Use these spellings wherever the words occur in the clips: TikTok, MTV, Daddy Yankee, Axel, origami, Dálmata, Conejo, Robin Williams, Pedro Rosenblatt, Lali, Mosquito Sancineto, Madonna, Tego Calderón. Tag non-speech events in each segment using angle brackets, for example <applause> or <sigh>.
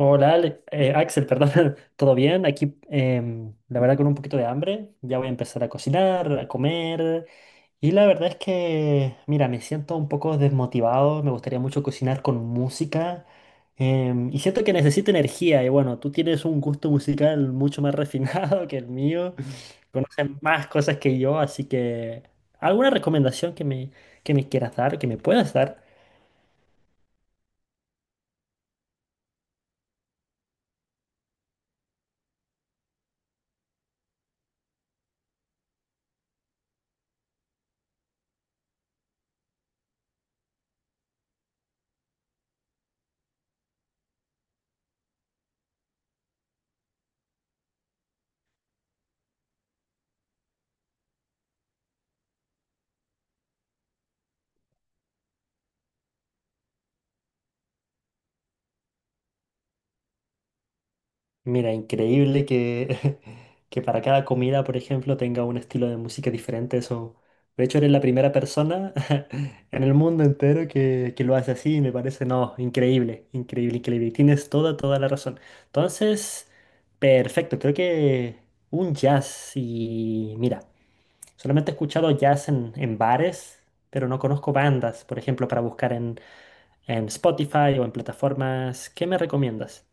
Hola, Axel, perdón, <laughs> ¿todo bien? Aquí, la verdad, con un poquito de hambre. Ya voy a empezar a cocinar, a comer. Y la verdad es que, mira, me siento un poco desmotivado. Me gustaría mucho cocinar con música. Y siento que necesito energía. Y bueno, tú tienes un gusto musical mucho más refinado <laughs> que el mío. Conoces más cosas que yo, así que, ¿alguna recomendación que me quieras dar, que me puedas dar? Mira, increíble que, <laughs> que para cada comida, por ejemplo, tenga un estilo de música diferente. Eso, de hecho, eres la primera persona <laughs> en el mundo entero que lo hace así. Me parece, no, increíble, increíble, increíble. Y tienes toda, toda la razón. Entonces, perfecto. Creo que un jazz y mira, solamente he escuchado jazz en bares, pero no conozco bandas, por ejemplo, para buscar en Spotify o en plataformas. ¿Qué me recomiendas?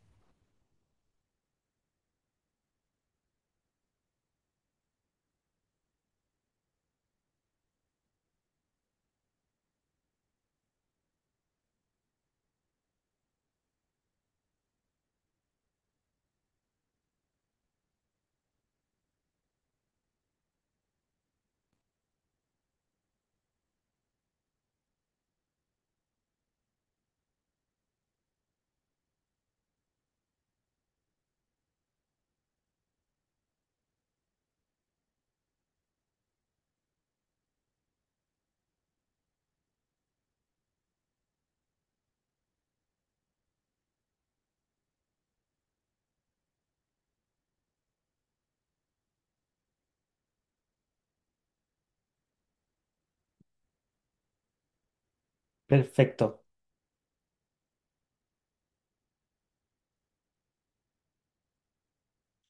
Perfecto.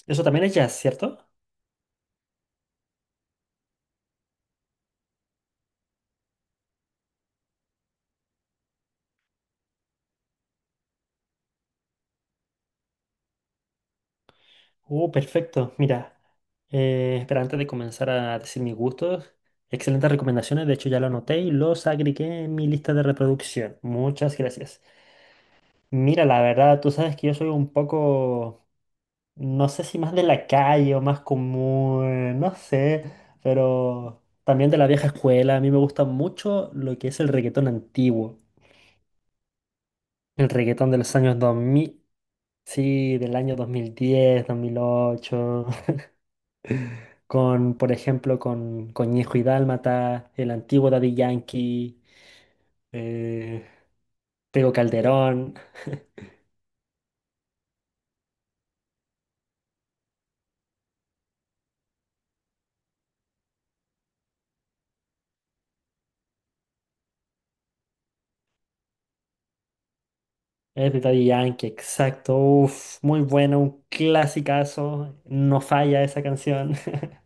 Eso también es jazz, ¿cierto? Perfecto. Mira, espera, antes de comenzar a decir mis gustos, excelentes recomendaciones. De hecho, ya lo anoté y los agregué en mi lista de reproducción. Muchas gracias. Mira, la verdad, tú sabes que yo soy un poco, no sé si más de la calle o más común, no sé, pero también de la vieja escuela. A mí me gusta mucho lo que es el reggaetón antiguo, el reggaetón de los años 2000. Sí, del año dos mil diez, 2008, con, por ejemplo, con Conejo y Dálmata, el antiguo Daddy Yankee, eh, Tego Calderón, es de Daddy Yankee, exacto, uf, muy bueno, un clasicazo, no falla esa canción. <laughs>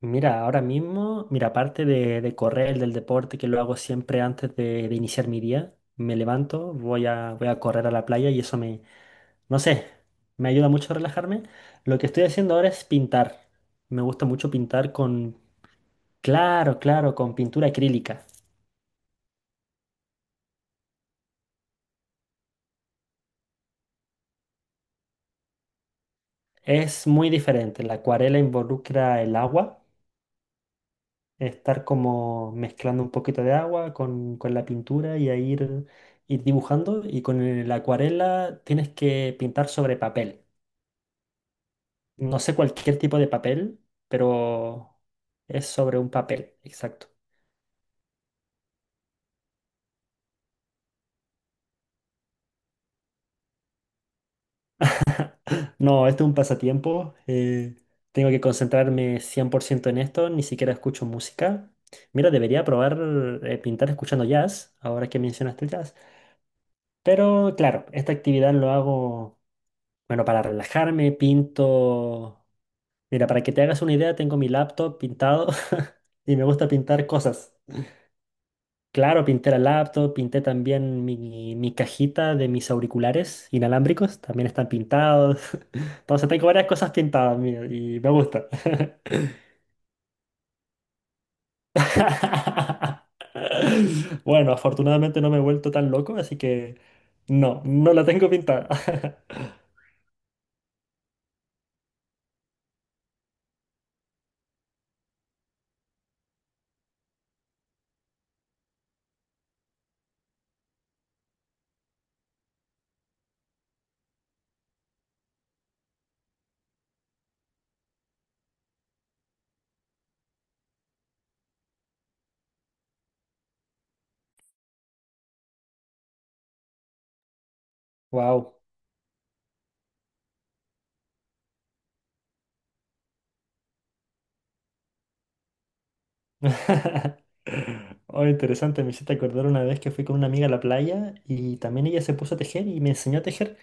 Mira, ahora mismo, mira, aparte de correr, del deporte, que lo hago siempre antes de iniciar mi día, me levanto, voy a correr a la playa y eso. No sé, me ayuda mucho a relajarme. Lo que estoy haciendo ahora es pintar. Me gusta mucho pintar con, claro, claro, con pintura acrílica. Es muy diferente. La acuarela involucra el agua, estar como mezclando un poquito de agua con la pintura y a ir dibujando. Y con la acuarela tienes que pintar sobre papel. No sé cualquier tipo de papel, pero es sobre un papel, exacto. No, esto es un pasatiempo. Tengo que concentrarme 100% en esto. Ni siquiera escucho música. Mira, debería probar pintar escuchando jazz, ahora que mencionaste el jazz. Pero claro, esta actividad lo hago, bueno, para relajarme, pinto. Mira, para que te hagas una idea, tengo mi laptop pintado <laughs> y me gusta pintar cosas. Claro, pinté la laptop, pinté también mi cajita de mis auriculares inalámbricos, también están pintados. <laughs> Entonces tengo varias cosas pintadas, mío, y me gusta. <laughs> Bueno, afortunadamente no me he vuelto tan loco, así que no, no la tengo pintada. <laughs> Wow. <laughs> Oh, interesante, me hiciste acordar una vez que fui con una amiga a la playa y también ella se puso a tejer y me enseñó a tejer.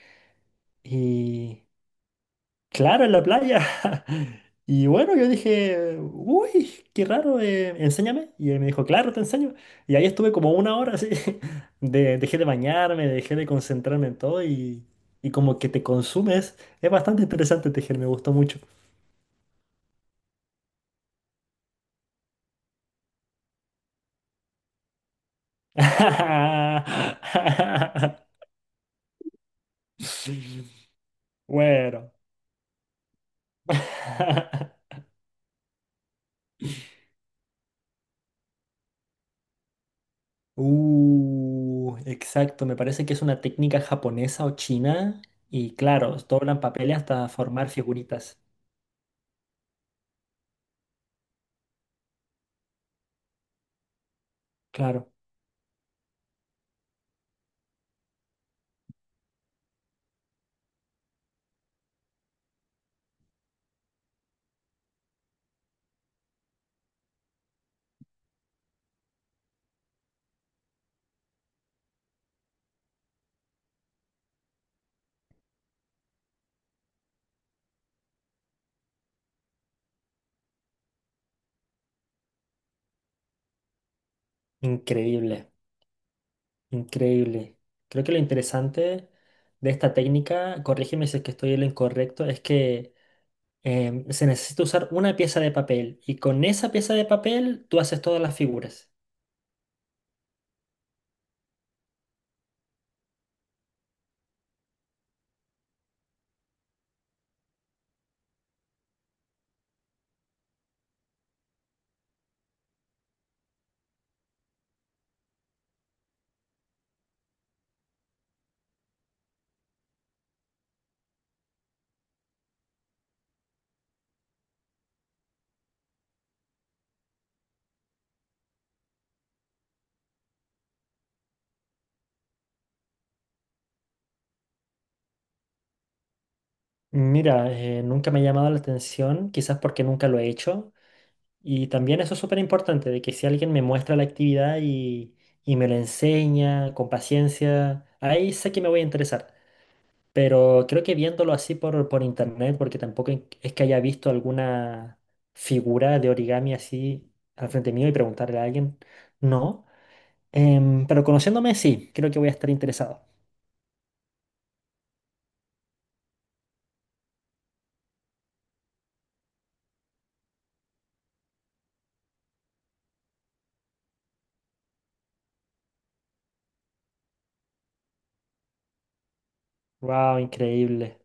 Y claro, en la playa. <laughs> Y bueno, yo dije, uy, qué raro, enséñame. Y él me dijo, claro, te enseño. Y ahí estuve como una hora así. <laughs> Dejé de bañarme, dejé de concentrarme en todo y como que te consumes. Es bastante interesante tejer, me gustó mucho. <laughs> Bueno. <laughs> Exacto, me parece que es una técnica japonesa o china. Y claro, doblan papeles hasta formar figuritas. Claro, increíble, increíble. Creo que lo interesante de esta técnica, corrígeme si es que estoy en lo incorrecto, es que se necesita usar una pieza de papel y con esa pieza de papel tú haces todas las figuras. Mira, nunca me ha llamado la atención, quizás porque nunca lo he hecho. Y también eso es súper importante, de que si alguien me muestra la actividad y me lo enseña con paciencia, ahí sé que me voy a interesar. Pero creo que viéndolo así por internet, porque tampoco es que haya visto alguna figura de origami así al frente mío y preguntarle a alguien, no. Pero conociéndome, sí, creo que voy a estar interesado. ¡Wow! Increíble.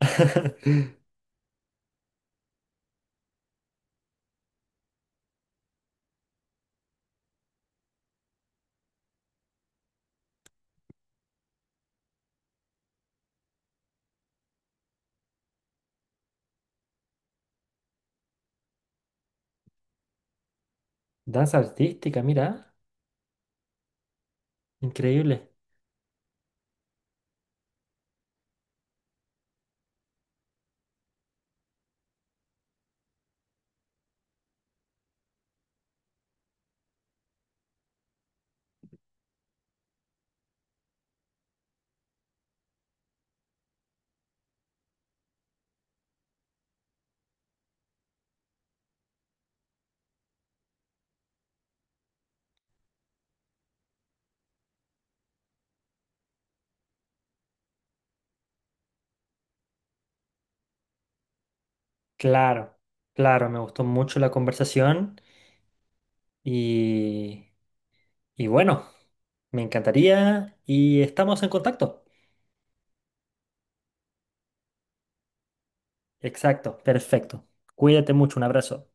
<laughs> Danza artística, mira. Increíble. Claro, claro, me gustó mucho la conversación y, y bueno, me encantaría y estamos en contacto. Exacto, perfecto. Cuídate mucho, un abrazo.